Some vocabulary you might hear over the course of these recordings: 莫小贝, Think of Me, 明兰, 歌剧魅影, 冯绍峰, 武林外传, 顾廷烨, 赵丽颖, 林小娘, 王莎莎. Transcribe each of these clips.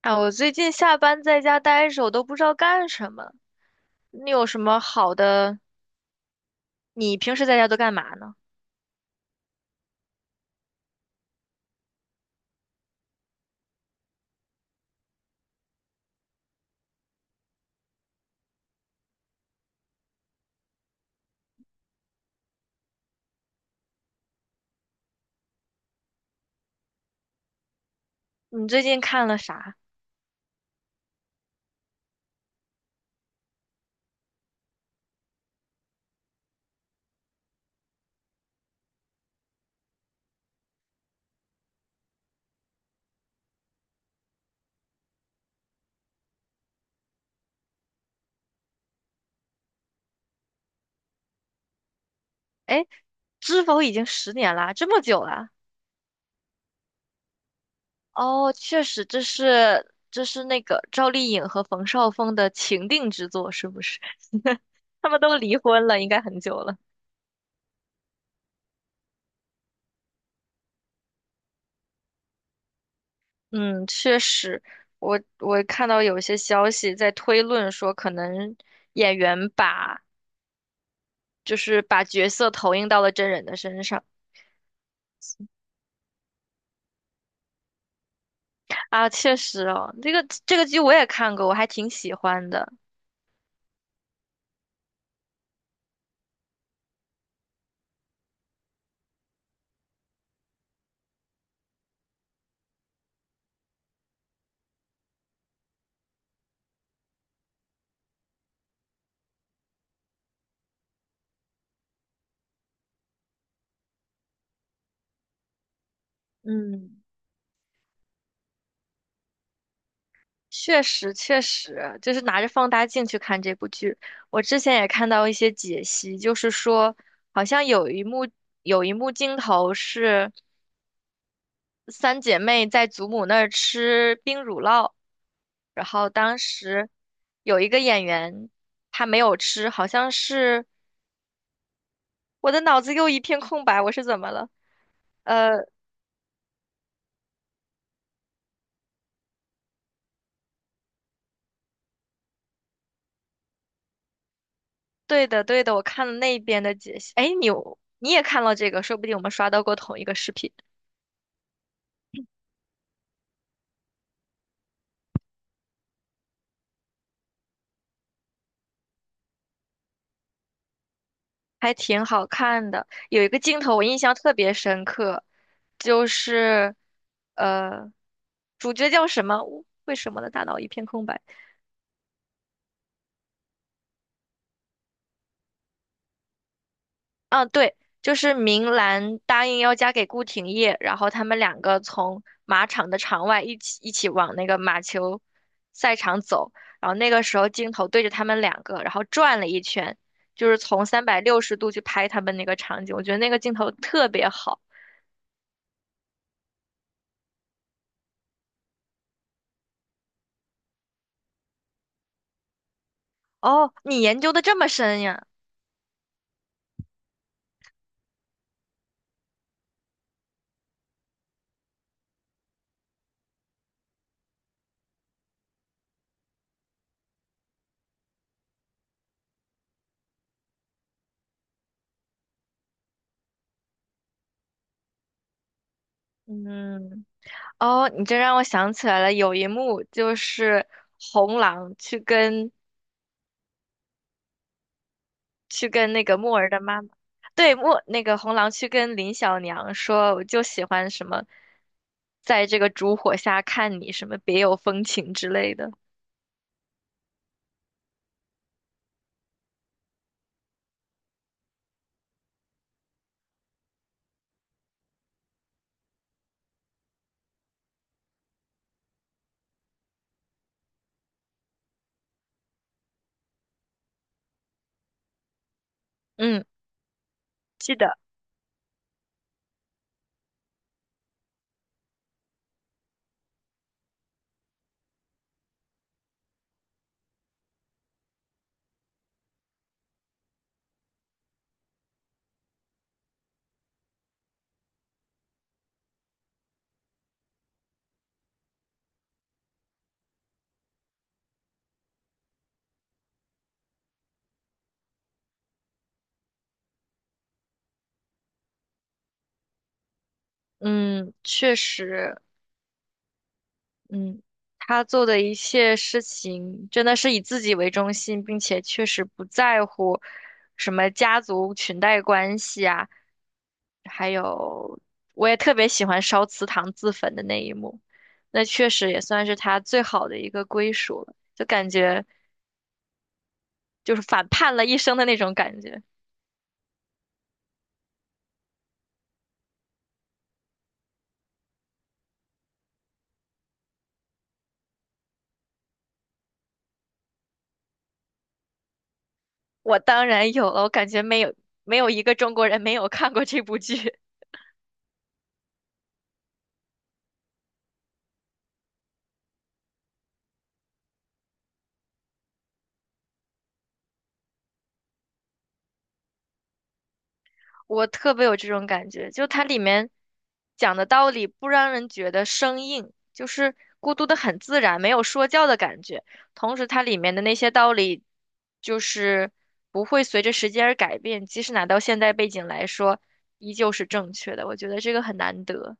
哎，我最近下班在家待着，我都不知道干什么。你有什么好的？你平时在家都干嘛呢？你最近看了啥？哎，知否已经10年啦，这么久啦？哦，确实，这是那个赵丽颖和冯绍峰的情定之作，是不是？他们都离婚了，应该很久了。嗯，确实，我看到有些消息在推论说，可能演员把就是把角色投影到了真人的身上。啊，确实哦，这个剧我也看过，我还挺喜欢的。嗯，确实，确实，就是拿着放大镜去看这部剧。我之前也看到一些解析，就是说，好像有一幕镜头是三姐妹在祖母那儿吃冰乳酪，然后当时有一个演员他没有吃，好像是我的脑子又一片空白，我是怎么了？呃。对的，对的，我看了那边的解析。哎，你也看了这个，说不定我们刷到过同一个视频，还挺好看的。有一个镜头我印象特别深刻，就是呃，主角叫什么？为什么我的大脑一片空白？嗯，啊对，就是明兰答应要嫁给顾廷烨，然后他们两个从马场的场外一起往那个马球赛场走，然后那个时候镜头对着他们两个，然后转了一圈，就是从360度去拍他们那个场景，我觉得那个镜头特别好。哦，你研究的这么深呀？嗯，哦，你这让我想起来了，有一幕就是红狼去跟那个木儿的妈妈，对，木，那个红狼去跟林小娘说，我就喜欢什么，在这个烛火下看你，什么别有风情之类的。嗯，记得，嗯，确实。嗯，他做的一切事情真的是以自己为中心，并且确实不在乎什么家族裙带关系啊，还有我也特别喜欢烧祠堂自焚的那一幕，那确实也算是他最好的一个归属了，就感觉就是反叛了一生的那种感觉。我当然有了，我感觉没有一个中国人没有看过这部剧。我特别有这种感觉，就它里面讲的道理不让人觉得生硬，就是孤独的很自然，没有说教的感觉。同时，它里面的那些道理就是不会随着时间而改变，即使拿到现代背景来说，依旧是正确的。我觉得这个很难得。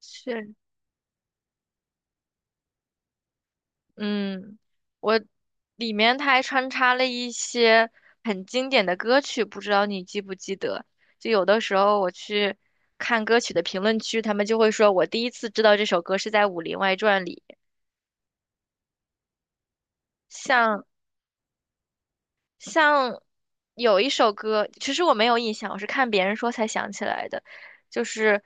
确嗯，我里面他还穿插了一些很经典的歌曲，不知道你记不记得？就有的时候我去看歌曲的评论区，他们就会说我第一次知道这首歌是在《武林外传》里，像像有一首歌，其实我没有印象，我是看别人说才想起来的，就是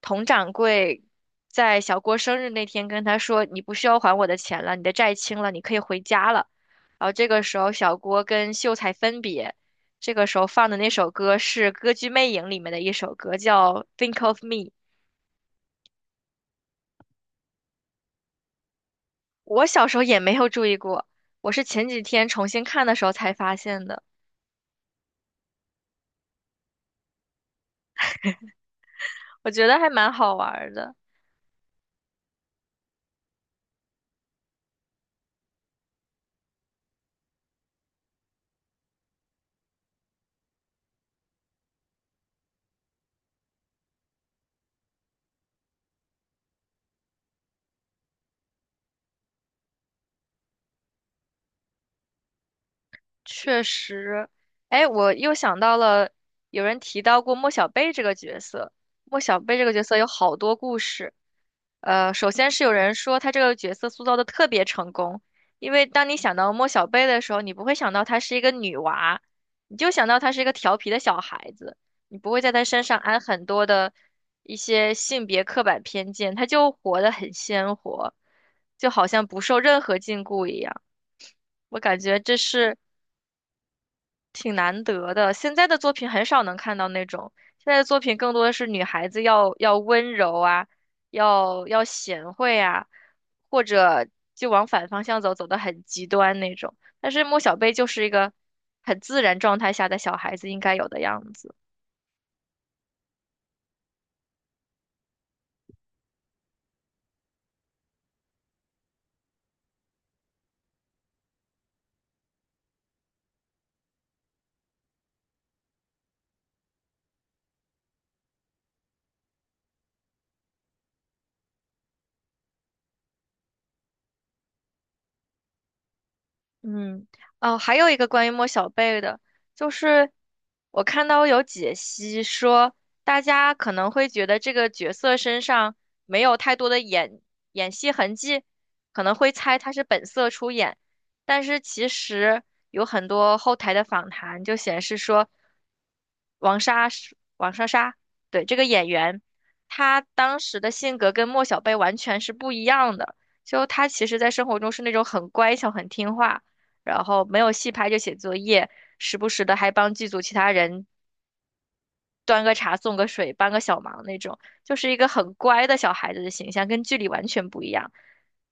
佟掌柜在小郭生日那天跟他说："你不需要还我的钱了，你的债清了，你可以回家了。"然后这个时候小郭跟秀才分别，这个时候放的那首歌是《歌剧魅影》里面的一首歌，叫《Think of Me》。我小时候也没有注意过，我是前几天重新看的时候才发现的，我觉得还蛮好玩儿的。确实，哎，我又想到了，有人提到过莫小贝这个角色。莫小贝这个角色有好多故事。首先是有人说他这个角色塑造的特别成功，因为当你想到莫小贝的时候，你不会想到她是一个女娃，你就想到她是一个调皮的小孩子，你不会在她身上安很多的一些性别刻板偏见，她就活得很鲜活，就好像不受任何禁锢一样。我感觉这是。挺难得的。现在的作品很少能看到那种，现在的作品更多的是女孩子要温柔啊，要贤惠啊，或者就往反方向走，走得很极端那种。但是莫小贝就是一个很自然状态下的小孩子应该有的样子。嗯，哦，还有一个关于莫小贝的，就是我看到有解析说，大家可能会觉得这个角色身上没有太多的演戏痕迹，可能会猜他是本色出演，但是其实有很多后台的访谈就显示说，王莎莎，对，这个演员，她当时的性格跟莫小贝完全是不一样的。就她其实，在生活中是那种很乖巧、很听话，然后没有戏拍就写作业，时不时的还帮剧组其他人端个茶、送个水、帮个小忙那种，就是一个很乖的小孩子的形象，跟剧里完全不一样。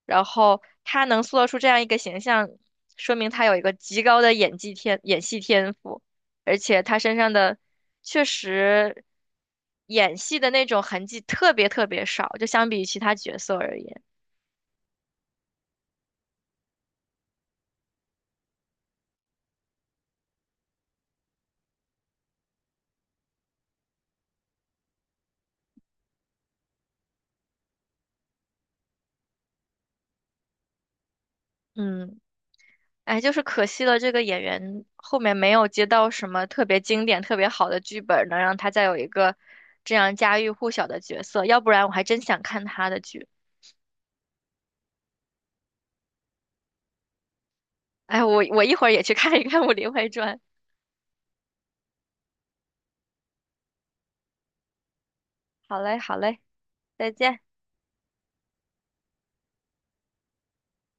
然后他能塑造出这样一个形象，说明他有一个极高的演技天、演戏天赋，而且他身上的确实演戏的那种痕迹特别特别少，就相比于其他角色而言，嗯。哎，就是可惜了，这个演员后面没有接到什么特别经典、特别好的剧本，能让他再有一个这样家喻户晓的角色。要不然我还真想看他的剧。哎，我一会儿也去看一看《武林外传》。好嘞，好嘞，再见。